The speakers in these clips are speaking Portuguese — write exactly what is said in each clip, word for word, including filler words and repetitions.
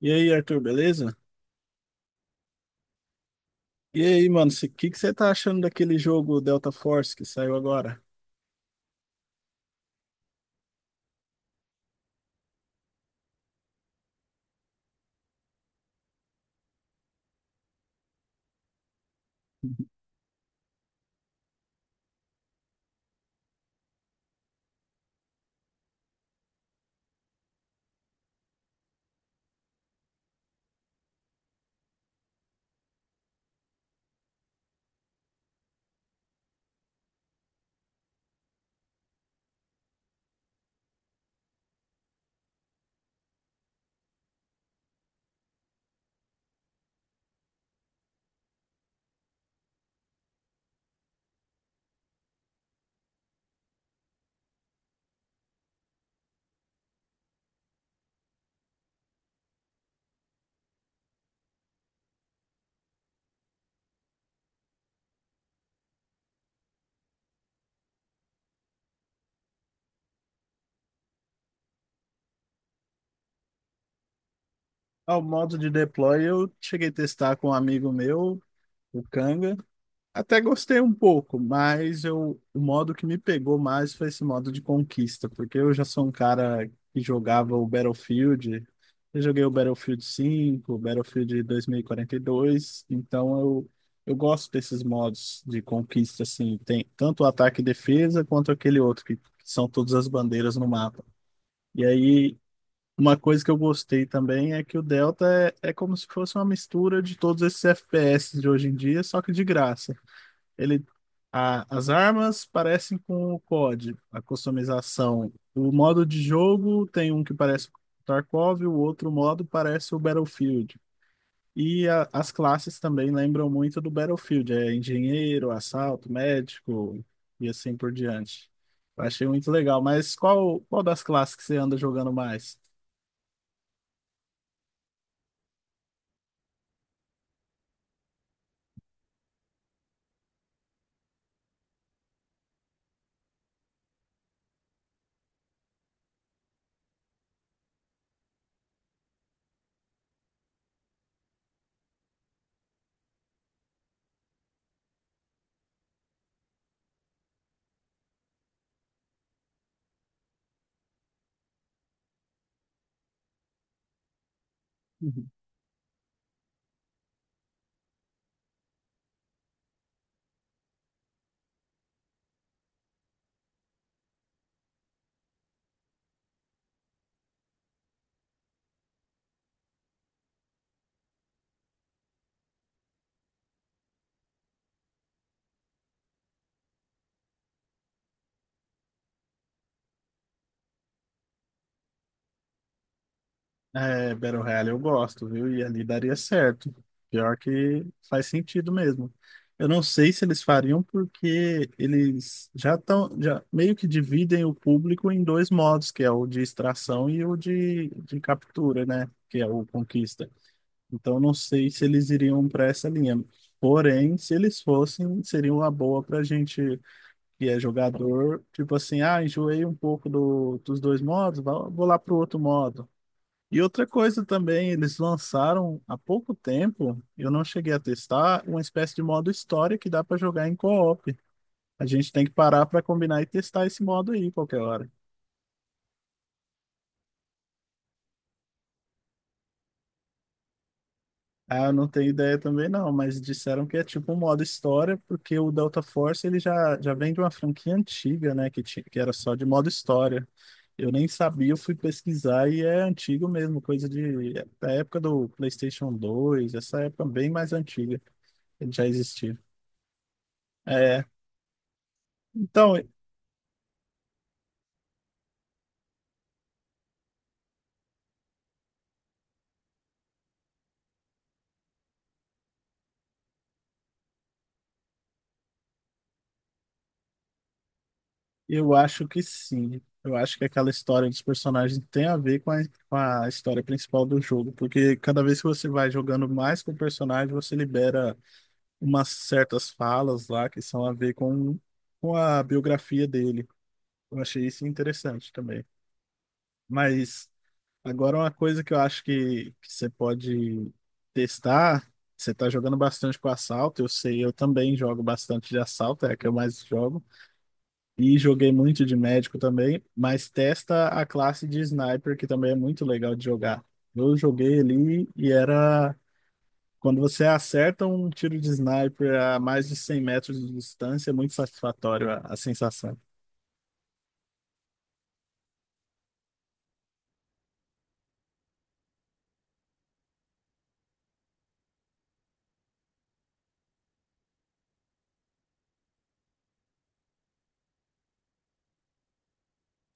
E aí, Arthur, beleza? E aí, mano, o que que você tá achando daquele jogo Delta Force que saiu agora? Ah, o modo de deploy eu cheguei a testar com um amigo meu, o Kanga. Até gostei um pouco, mas eu, o modo que me pegou mais foi esse modo de conquista, porque eu já sou um cara que jogava o Battlefield. Eu joguei o Battlefield cinco, o Battlefield dois mil e quarenta e dois, então eu, eu gosto desses modos de conquista, assim, tem tanto o ataque e defesa quanto aquele outro, que, que são todas as bandeiras no mapa. E aí, uma coisa que eu gostei também é que o Delta é, é como se fosse uma mistura de todos esses F P S de hoje em dia, só que de graça. Ele, a- as armas parecem com o cod, a customização. O modo de jogo tem um que parece com o Tarkov, o outro modo parece o Battlefield. E a- as classes também lembram muito do Battlefield, é engenheiro, assalto, médico e assim por diante. Eu achei muito legal, mas qual, qual das classes que você anda jogando mais? É, Battle Royale eu gosto, viu? E ali daria certo. Pior que faz sentido mesmo. Eu não sei se eles fariam porque eles já estão, já meio que dividem o público em dois modos, que é o de extração e o de, de captura, né? Que é o conquista. Então não sei se eles iriam para essa linha. Porém, se eles fossem, seria uma boa para gente que é jogador, tipo assim, ah, enjoei um pouco do, dos dois modos, vou vou lá pro outro modo. E outra coisa também, eles lançaram há pouco tempo, eu não cheguei a testar, uma espécie de modo história que dá para jogar em co-op. A gente tem que parar para combinar e testar esse modo aí qualquer hora. Ah, eu não tenho ideia também não, mas disseram que é tipo um modo história, porque o Delta Force ele já, já vem de uma franquia antiga, né, que, ti- que era só de modo história. Eu nem sabia, eu fui pesquisar e é antigo mesmo, coisa de é, da época do PlayStation dois, essa época bem mais antiga, ele já existia. É, então, eu acho que sim. Eu acho que aquela história dos personagens tem a ver com a, com a história principal do jogo, porque cada vez que você vai jogando mais com o personagem, você libera umas certas falas lá que são a ver com, com a biografia dele. Eu achei isso interessante também. Mas agora uma coisa que eu acho que, que você pode testar, você tá jogando bastante com assalto, eu sei, eu também jogo bastante de assalto, é a que eu mais jogo. E joguei muito de médico também, mas testa a classe de sniper, que também é muito legal de jogar. Eu joguei ali e era. Quando você acerta um tiro de sniper a mais de cem metros de distância, é muito satisfatório a, a sensação.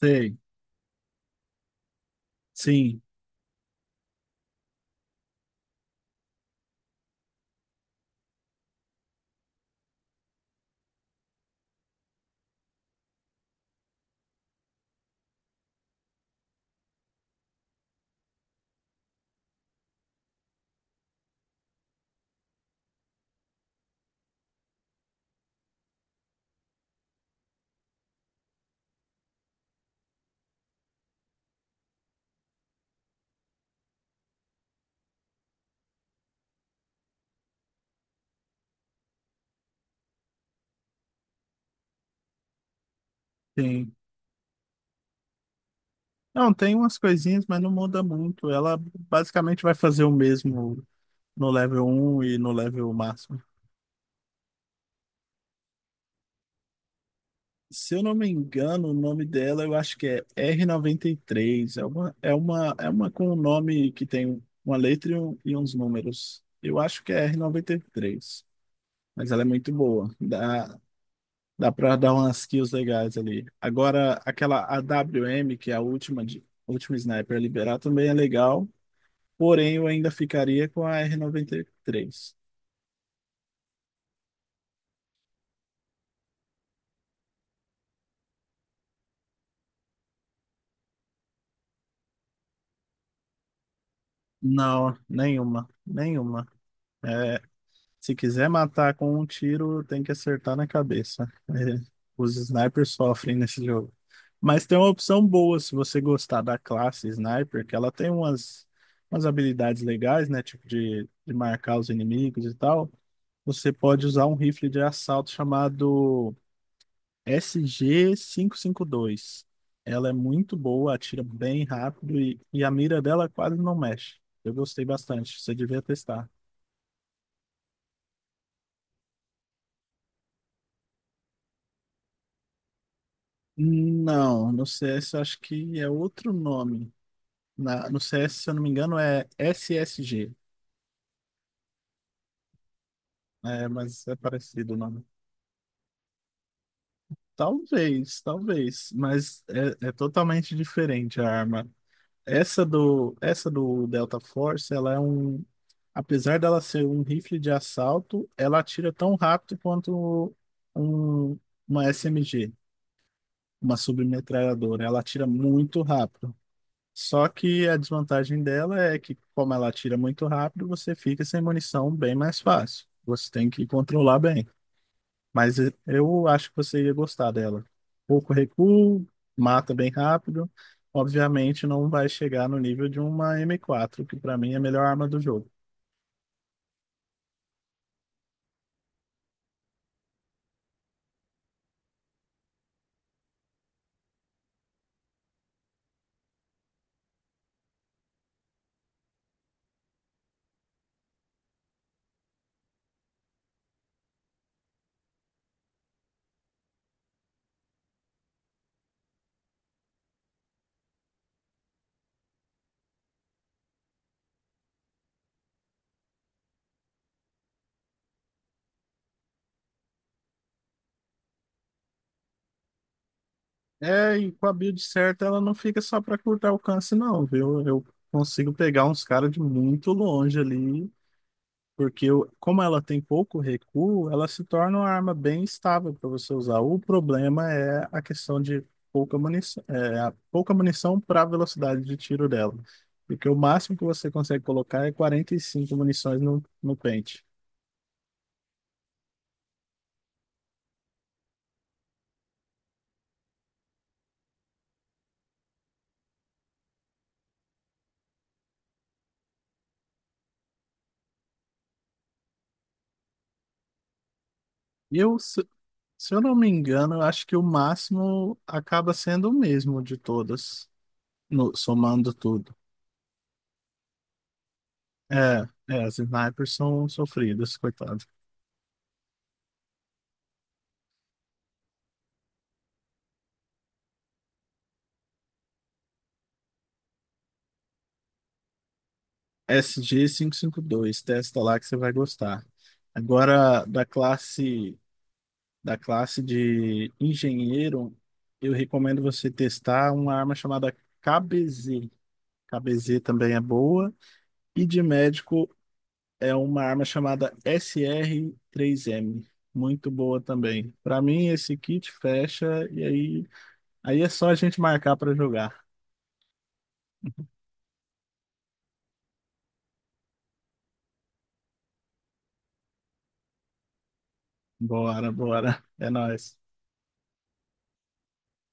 Sei, sim, sim. Não, tem umas coisinhas, mas não muda muito. Ela basicamente vai fazer o mesmo no level um e no level máximo. Se eu não me engano, o nome dela eu acho que é R noventa e três. É uma, é uma, é uma com um nome que tem uma letra e, um- e uns números. Eu acho que é R noventa e três. Mas ela é muito boa. Dá, dá pra dar umas kills legais ali. Agora, aquela A W M, que é a última, de, última sniper a liberar, também é legal. Porém, eu ainda ficaria com a R noventa e três. Não, nenhuma. Nenhuma. É. Se quiser matar com um tiro, tem que acertar na cabeça. É, os snipers sofrem nesse jogo. Mas tem uma opção boa se você gostar da classe sniper, que ela tem umas, umas habilidades legais, né? Tipo de, de marcar os inimigos e tal. Você pode usar um rifle de assalto chamado S G quinhentos e cinquenta e dois. Ela é muito boa, atira bem rápido e, e a mira dela quase não mexe. Eu gostei bastante, você devia testar. Não, no C S eu acho que é outro nome. Na, no C S, se eu não me engano, é S S G, né? Mas é parecido o nome. Talvez, talvez, mas é, é totalmente diferente a arma. Essa do, essa do Delta Force, ela é um. Apesar dela ser um rifle de assalto, ela atira tão rápido quanto um, uma S M G, uma submetralhadora. Ela atira muito rápido. Só que a desvantagem dela é que, como ela atira muito rápido, você fica sem munição bem mais fácil. Você tem que controlar bem. Mas e- eu acho que você ia gostar dela. Pouco recuo, mata bem rápido. Obviamente não vai chegar no nível de uma M quatro, que pra mim é a melhor arma do jogo. É, e com a build certa, ela não fica só pra curto alcance, não, viu? Eu consigo pegar uns caras de muito longe ali. Porque o- como ela tem pouco recuo, ela se torna uma arma bem estável para você usar. O problema é a questão de pouca munição, é, a pouca munição para a velocidade de tiro dela. Porque o máximo que você consegue colocar é quarenta e cinco munições no, no pente. E eu, se, se eu não me engano, eu acho que o máximo acaba sendo o mesmo de todas, no- somando tudo. É, é, as snipers são sofridas, coitado. SG dois, testa lá que você vai gostar. Agora, da classe, da classe de engenheiro, eu recomendo você testar uma arma chamada K B Z. K B Z também é boa. E de médico é uma arma chamada SR três M. Muito boa também. Para mim, esse kit fecha e aí, aí é só a gente marcar para jogar. Bora, bora. É nóis.